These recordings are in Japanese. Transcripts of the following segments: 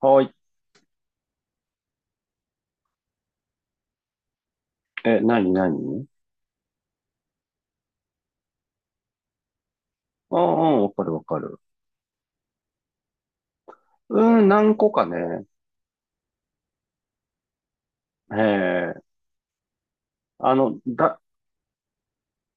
はい。え、何何ああ、うんうんわかるわかる。うん、何個かね。ええ。あの、だ、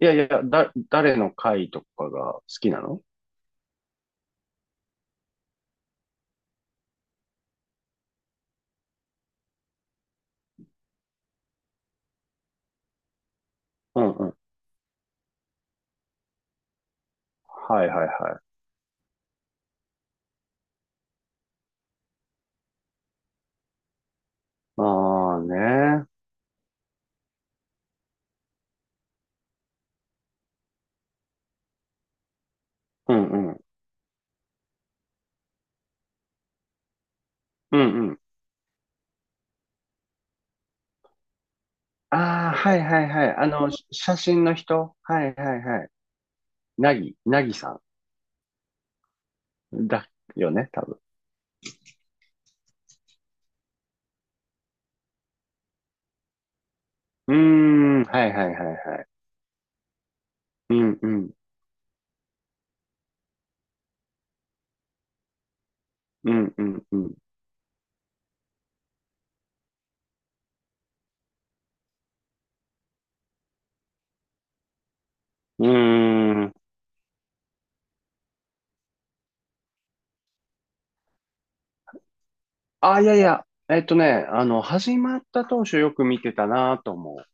いやいや、誰の回とかが好きなのうんうん。はいはいはい。ああね。うんうん。うんうん。ああ、はいはいはい。写真の人はいはいはい。なぎさん。だよね、多分。うーん、はいはいはいはい。うんうん。うんうんうん。うーん。あ、いやいや、始まった当初よく見てたなと思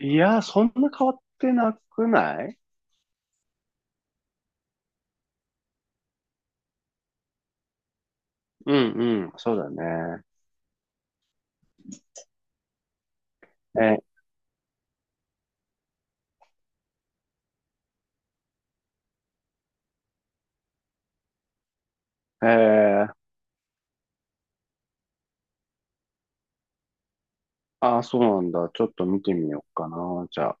う。いや、そんな変わってなくないうんうん、そうだね。え、えー、あ、そうなんだ。ちょっと見てみようかな、じゃ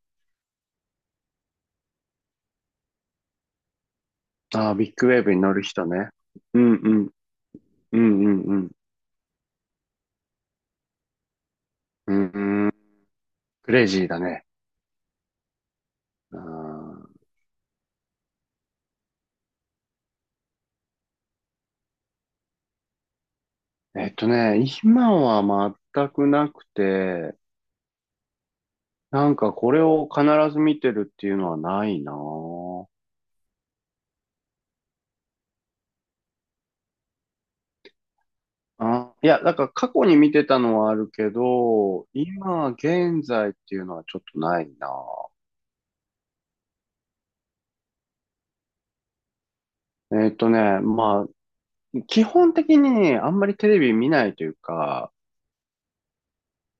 あ。あ、ビッグウェーブに乗る人ね。うんうん、うんうんうん。うんうん、クレイジーだね。うん、今は全くなくて、なんかこれを必ず見てるっていうのはないなあ、いや、なんか過去に見てたのはあるけど、今、現在っていうのはちょっとないな。まあ、基本的にあんまりテレビ見ないというか、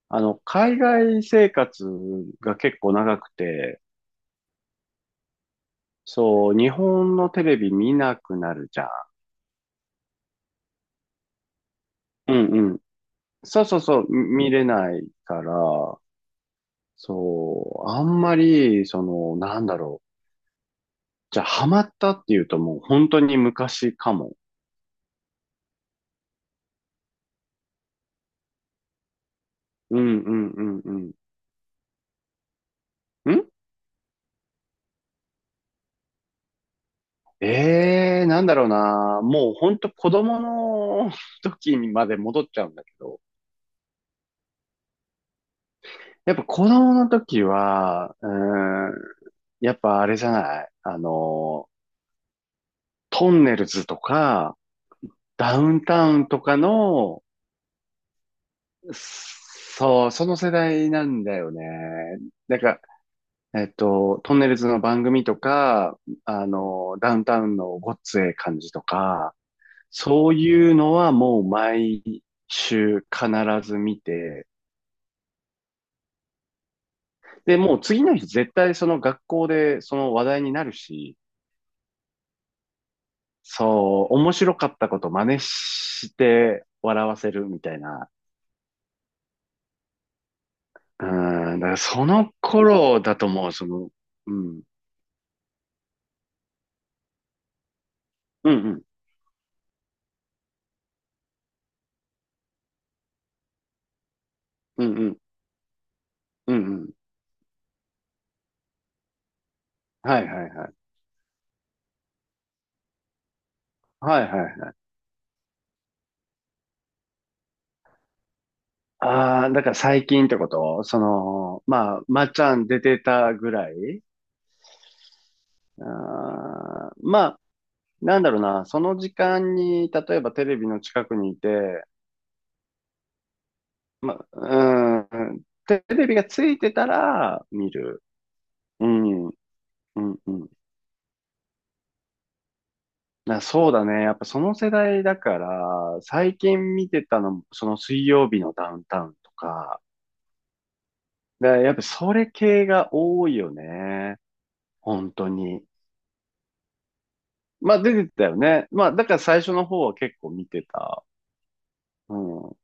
海外生活が結構長くて、そう、日本のテレビ見なくなるじゃん。うんうん。そうそうそう、み見れないから、そう、あんまり、その、なんだろう。じゃあ、ハマったっていうともう本当に昔かも。うんうんうんんええー、なんだろうな。もうほんと子供の 時にまで戻っちゃうんだけど。やっぱ子供の時は、うーん、やっぱあれじゃない。トンネルズとか、ダウンタウンとかの、そう、その世代なんだよね。なんか、トンネルズの番組とか、ダウンタウンのごっつええ感じとか、そういうのはもう毎週必ず見て、で、もう次の日絶対その学校でその話題になるし、そう、面白かったこと真似して笑わせるみたいな。うん、だからその頃だともう、その、うん、うん、うん、うん、うん、うん、うん。はいはいはい。はいはいはい。ああ、だから最近ってことその、まあ、まっちゃん出てたぐらいまあ、なんだろうな、その時間に、例えばテレビの近くにいて、うん、テレビがついてたら見る。うん、うん、うん。そうだね。やっぱその世代だから、最近見てたのも、その水曜日のダウンタウンとか、で、やっぱそれ系が多いよね。本当に。まあ出てたよね。まあだから最初の方は結構見てた。うん。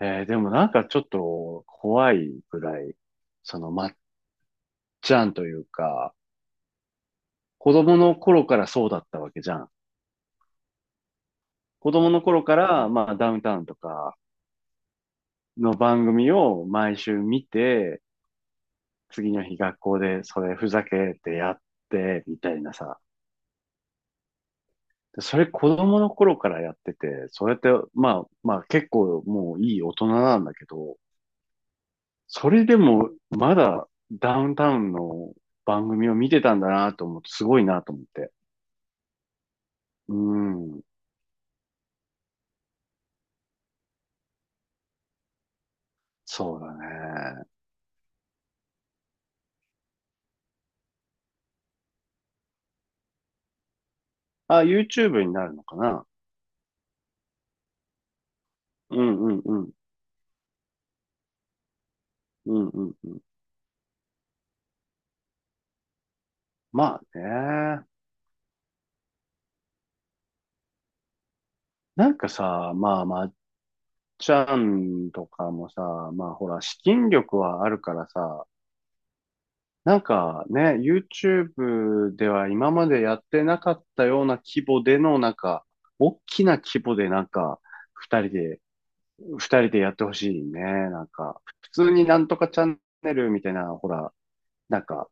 でもなんかちょっと怖いぐらい、そのマじゃんというか、子供の頃からそうだったわけじゃん。子供の頃から、まあ、ダウンタウンとかの番組を毎週見て、次の日学校でそれふざけてやって、みたいなさ。でそれ子供の頃からやってて、それって、まあ、まあ結構もういい大人なんだけど、それでもまだダウンタウンの番組を見てたんだなと思って、すごいなと思って。うん、そうだね。あ、YouTube になるのかなうんうんうん。うんうんうん。まあね。なんかさ、まあ、まっちゃんとかもさ、まあほら、資金力はあるからさ、なんかね、YouTube では今までやってなかったような規模での、なんか、大きな規模でなんか、二人で、二人でやってほしいね。なんか、普通になんとかチャンネルみたいな、ほら、なんか、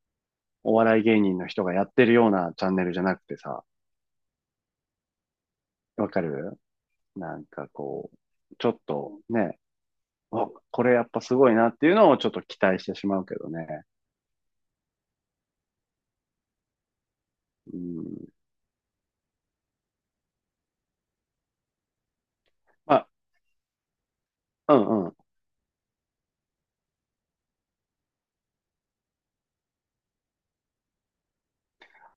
お笑い芸人の人がやってるようなチャンネルじゃなくてさ、わかるなんかこう、ちょっとね、あ、これやっぱすごいなっていうのをちょっと期待してしまうけどね。うん。まあ、うんうん。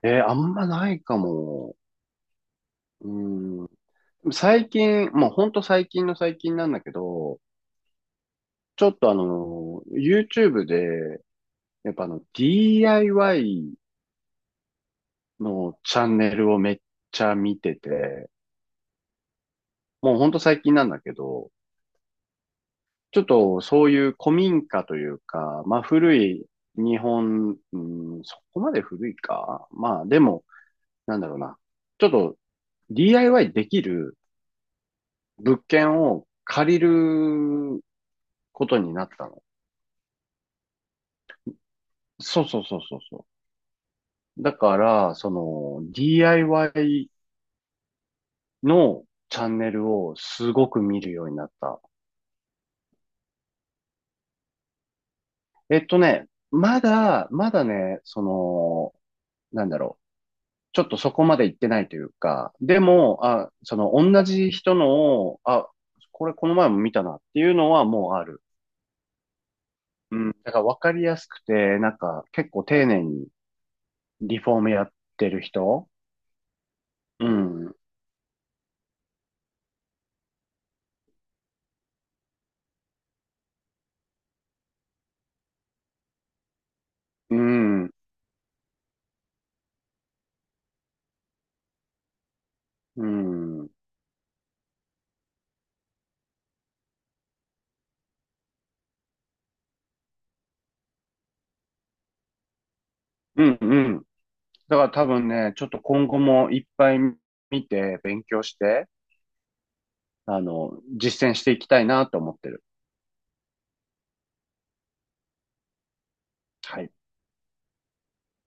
あんまないかも。うん。最近、もうほんと最近の最近なんだけど、ちょっとYouTube で、やっぱDIY のチャンネルをめっちゃ見てて、もうほんと最近なんだけど、ちょっとそういう古民家というか、まあ古い日本、うん、そこまで古いか。まあでも、なんだろうな。ちょっと DIY できる物件を借りることになったの。そうそうそうそうそう。だから、その DIY のチャンネルをすごく見るようになった。まだ、まだね、その、なんだろちょっとそこまで行ってないというか、でも、あ、その同じ人の、あ、これこの前も見たなっていうのはもうある。うん。だから分かりやすくて、なんか結構丁寧にリフォームやってる人うん。うん。うん。うん。うん。だから多分ね、ちょっと今後もいっぱい見て勉強して、あの、実践していきたいなと思ってる。はい。